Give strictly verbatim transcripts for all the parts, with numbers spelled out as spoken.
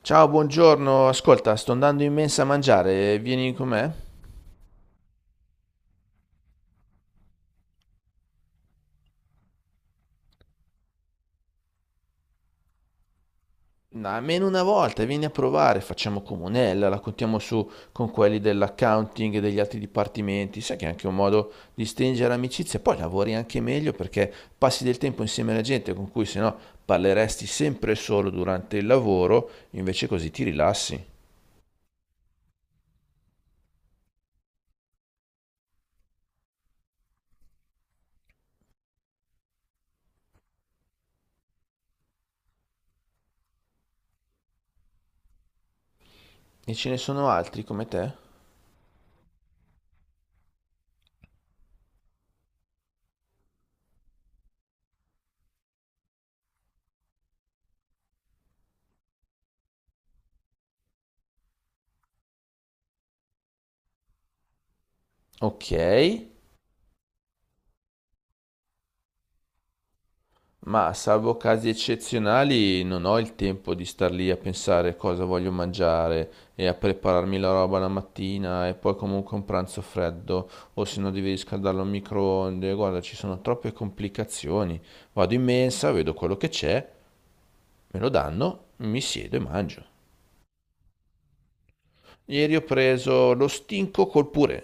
Ciao, buongiorno. Ascolta, sto andando in mensa a mangiare, vieni con me? No, almeno una volta, vieni a provare, facciamo comunella, la contiamo su con quelli dell'accounting e degli altri dipartimenti. Sai che è anche un modo di stringere amicizia, poi lavori anche meglio perché passi del tempo insieme alla gente con cui sennò parleresti sempre solo durante il lavoro, invece così ti rilassi. E ce ne sono altri come te? Ok. Ma salvo casi eccezionali non ho il tempo di star lì a pensare cosa voglio mangiare e a prepararmi la roba la mattina e poi comunque un pranzo freddo o se no devi riscaldarlo al microonde. Guarda, ci sono troppe complicazioni. Vado in mensa, vedo quello che c'è, me lo danno, mi siedo e mangio. Ieri ho preso lo stinco col purè.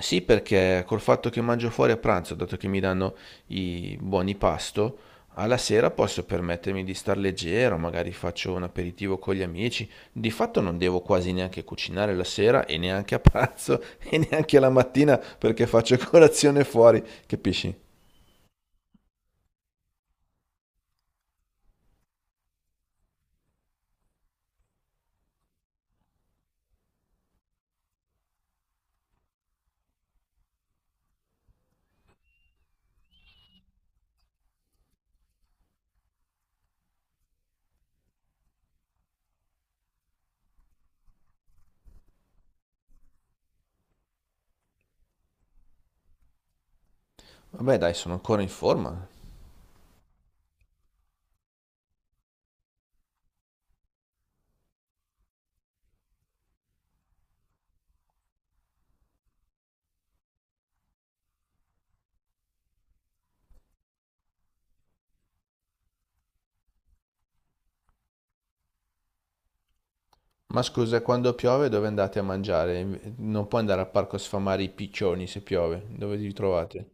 Sì, perché col fatto che mangio fuori a pranzo, dato che mi danno i buoni pasto, alla sera posso permettermi di star leggero, magari faccio un aperitivo con gli amici. Di fatto non devo quasi neanche cucinare la sera e neanche a pranzo e neanche la mattina perché faccio colazione fuori, capisci? Vabbè, dai, sono ancora in forma. Ma scusa, quando piove dove andate a mangiare? Non puoi andare al parco a sfamare i piccioni se piove. Dove vi trovate?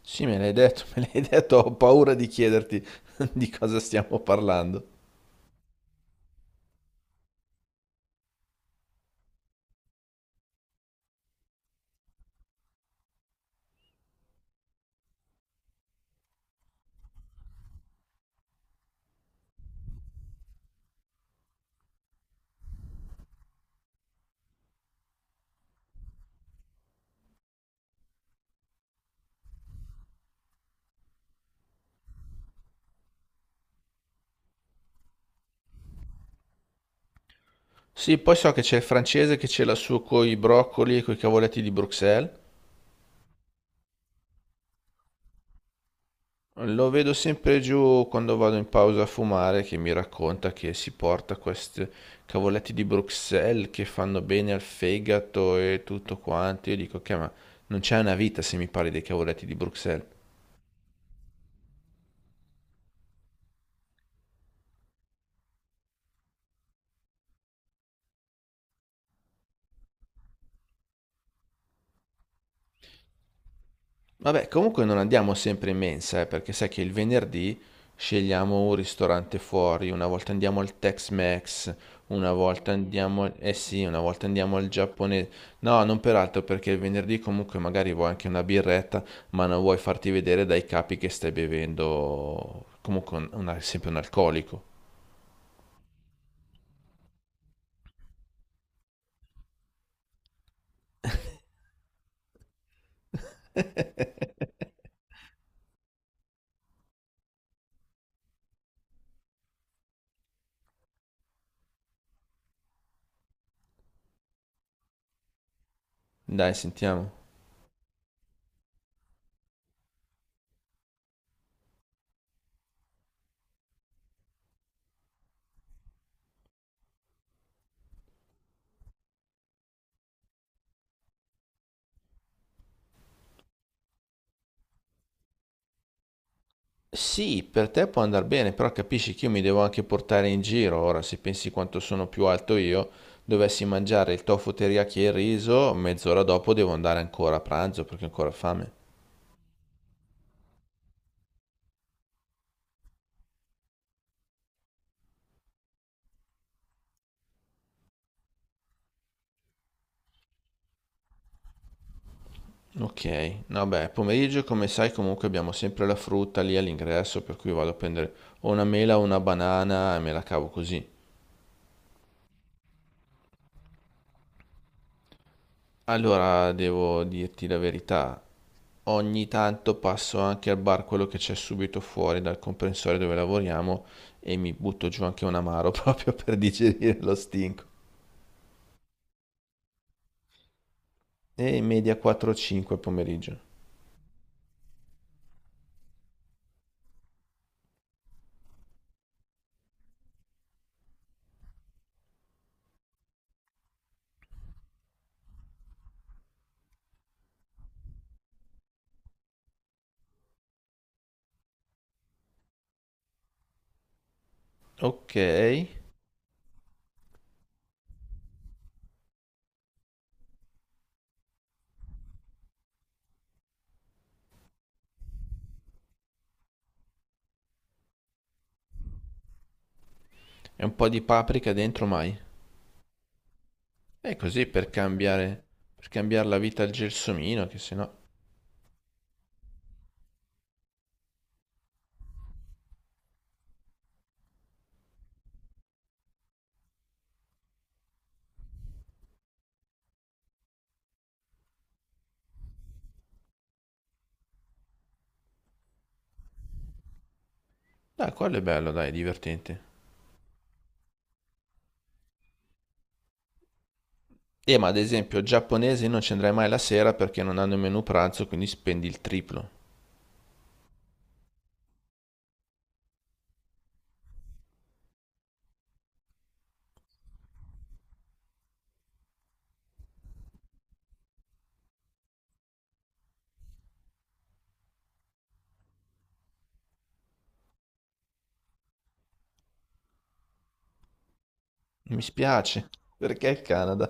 Sì, me l'hai detto, me l'hai detto, ho paura di chiederti di cosa stiamo parlando. Sì, poi so che c'è il francese che ce l'ha su coi broccoli e coi cavoletti di Bruxelles. Lo vedo sempre giù quando vado in pausa a fumare che mi racconta che si porta questi cavoletti di Bruxelles che fanno bene al fegato e tutto quanto. Io dico che ma non c'è una vita se mi parli dei cavoletti di Bruxelles. Vabbè, comunque non andiamo sempre in mensa, eh, perché sai che il venerdì scegliamo un ristorante fuori, una volta andiamo al Tex-Mex, una volta andiamo, al- eh sì, una volta andiamo al giapponese. No, non peraltro, perché il venerdì comunque magari vuoi anche una birretta, ma non vuoi farti vedere dai capi che stai bevendo comunque un- una- sempre un alcolico. Dai, sentiamo. Sì, per te può andare bene, però capisci che io mi devo anche portare in giro. Ora, se pensi quanto sono più alto io, dovessi mangiare il tofu teriyaki e il riso, mezz'ora dopo devo andare ancora a pranzo perché ho ancora fame. Ok, vabbè, pomeriggio come sai comunque abbiamo sempre la frutta lì all'ingresso, per cui vado a prendere o una mela o una banana e me la cavo così. Allora, devo dirti la verità, ogni tanto passo anche al bar quello che c'è subito fuori dal comprensorio dove lavoriamo e mi butto giù anche un amaro proprio per digerire lo stinco. E in media quattro cinque al pomeriggio. Ok, e un po' di paprika dentro mai. E così per cambiare, per cambiare la vita al gelsomino, che sennò... Dai, quello è bello, dai, è divertente. E ma ad esempio, giapponesi non ci andrai mai la sera perché non hanno il menù pranzo, quindi spendi il triplo. Mi spiace, perché il Canada?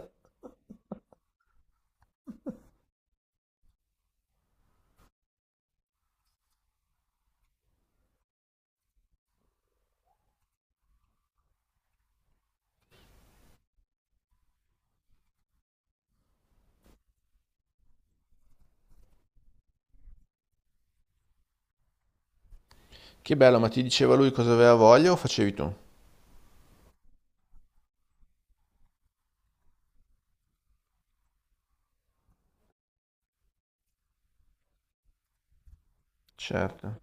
Che bello, ma ti diceva lui cosa aveva voglia o facevi tu? Certo.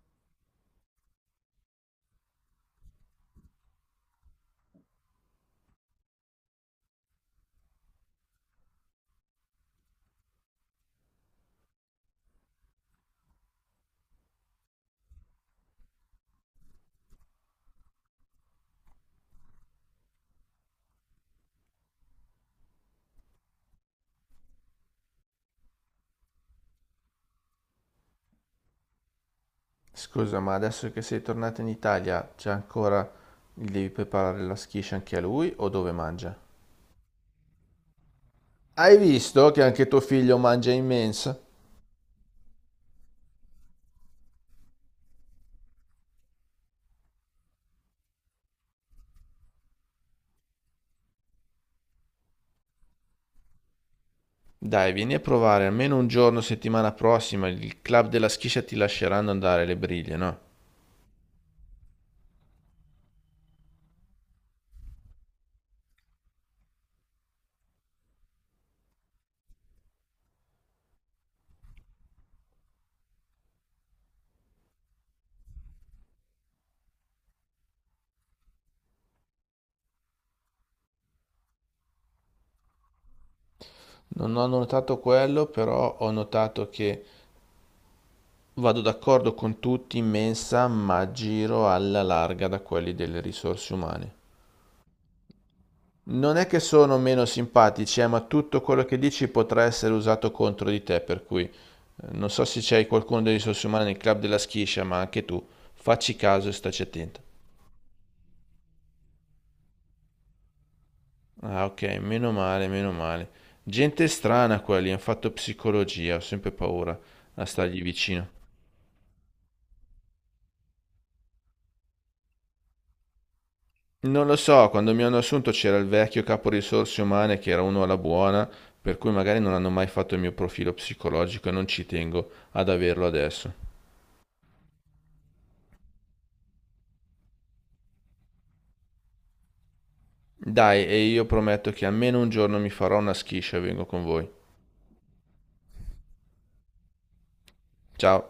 Scusa, ma adesso che sei tornata in Italia, c'è ancora... Gli devi preparare la schiscia anche a lui o dove mangia? Hai visto che anche tuo figlio mangia immensa? Dai, vieni a provare almeno un giorno settimana prossima, il club della schiscia ti lasceranno andare le briglie, no? Non ho notato quello, però ho notato che vado d'accordo con tutti in mensa, ma giro alla larga da quelli delle risorse umane. Non è che sono meno simpatici, eh, ma tutto quello che dici potrà essere usato contro di te, per cui eh, non so se c'hai qualcuno delle risorse umane nel club della schiscia, ma anche tu, facci caso e staci attenta. Ah, ok, meno male, meno male. Gente strana quelli, hanno fatto psicologia, ho sempre paura a stargli vicino. Non lo so, quando mi hanno assunto c'era il vecchio capo risorse umane che era uno alla buona, per cui magari non hanno mai fatto il mio profilo psicologico e non ci tengo ad averlo adesso. Dai, e io prometto che almeno un giorno mi farò una schiscia e vengo con voi. Ciao.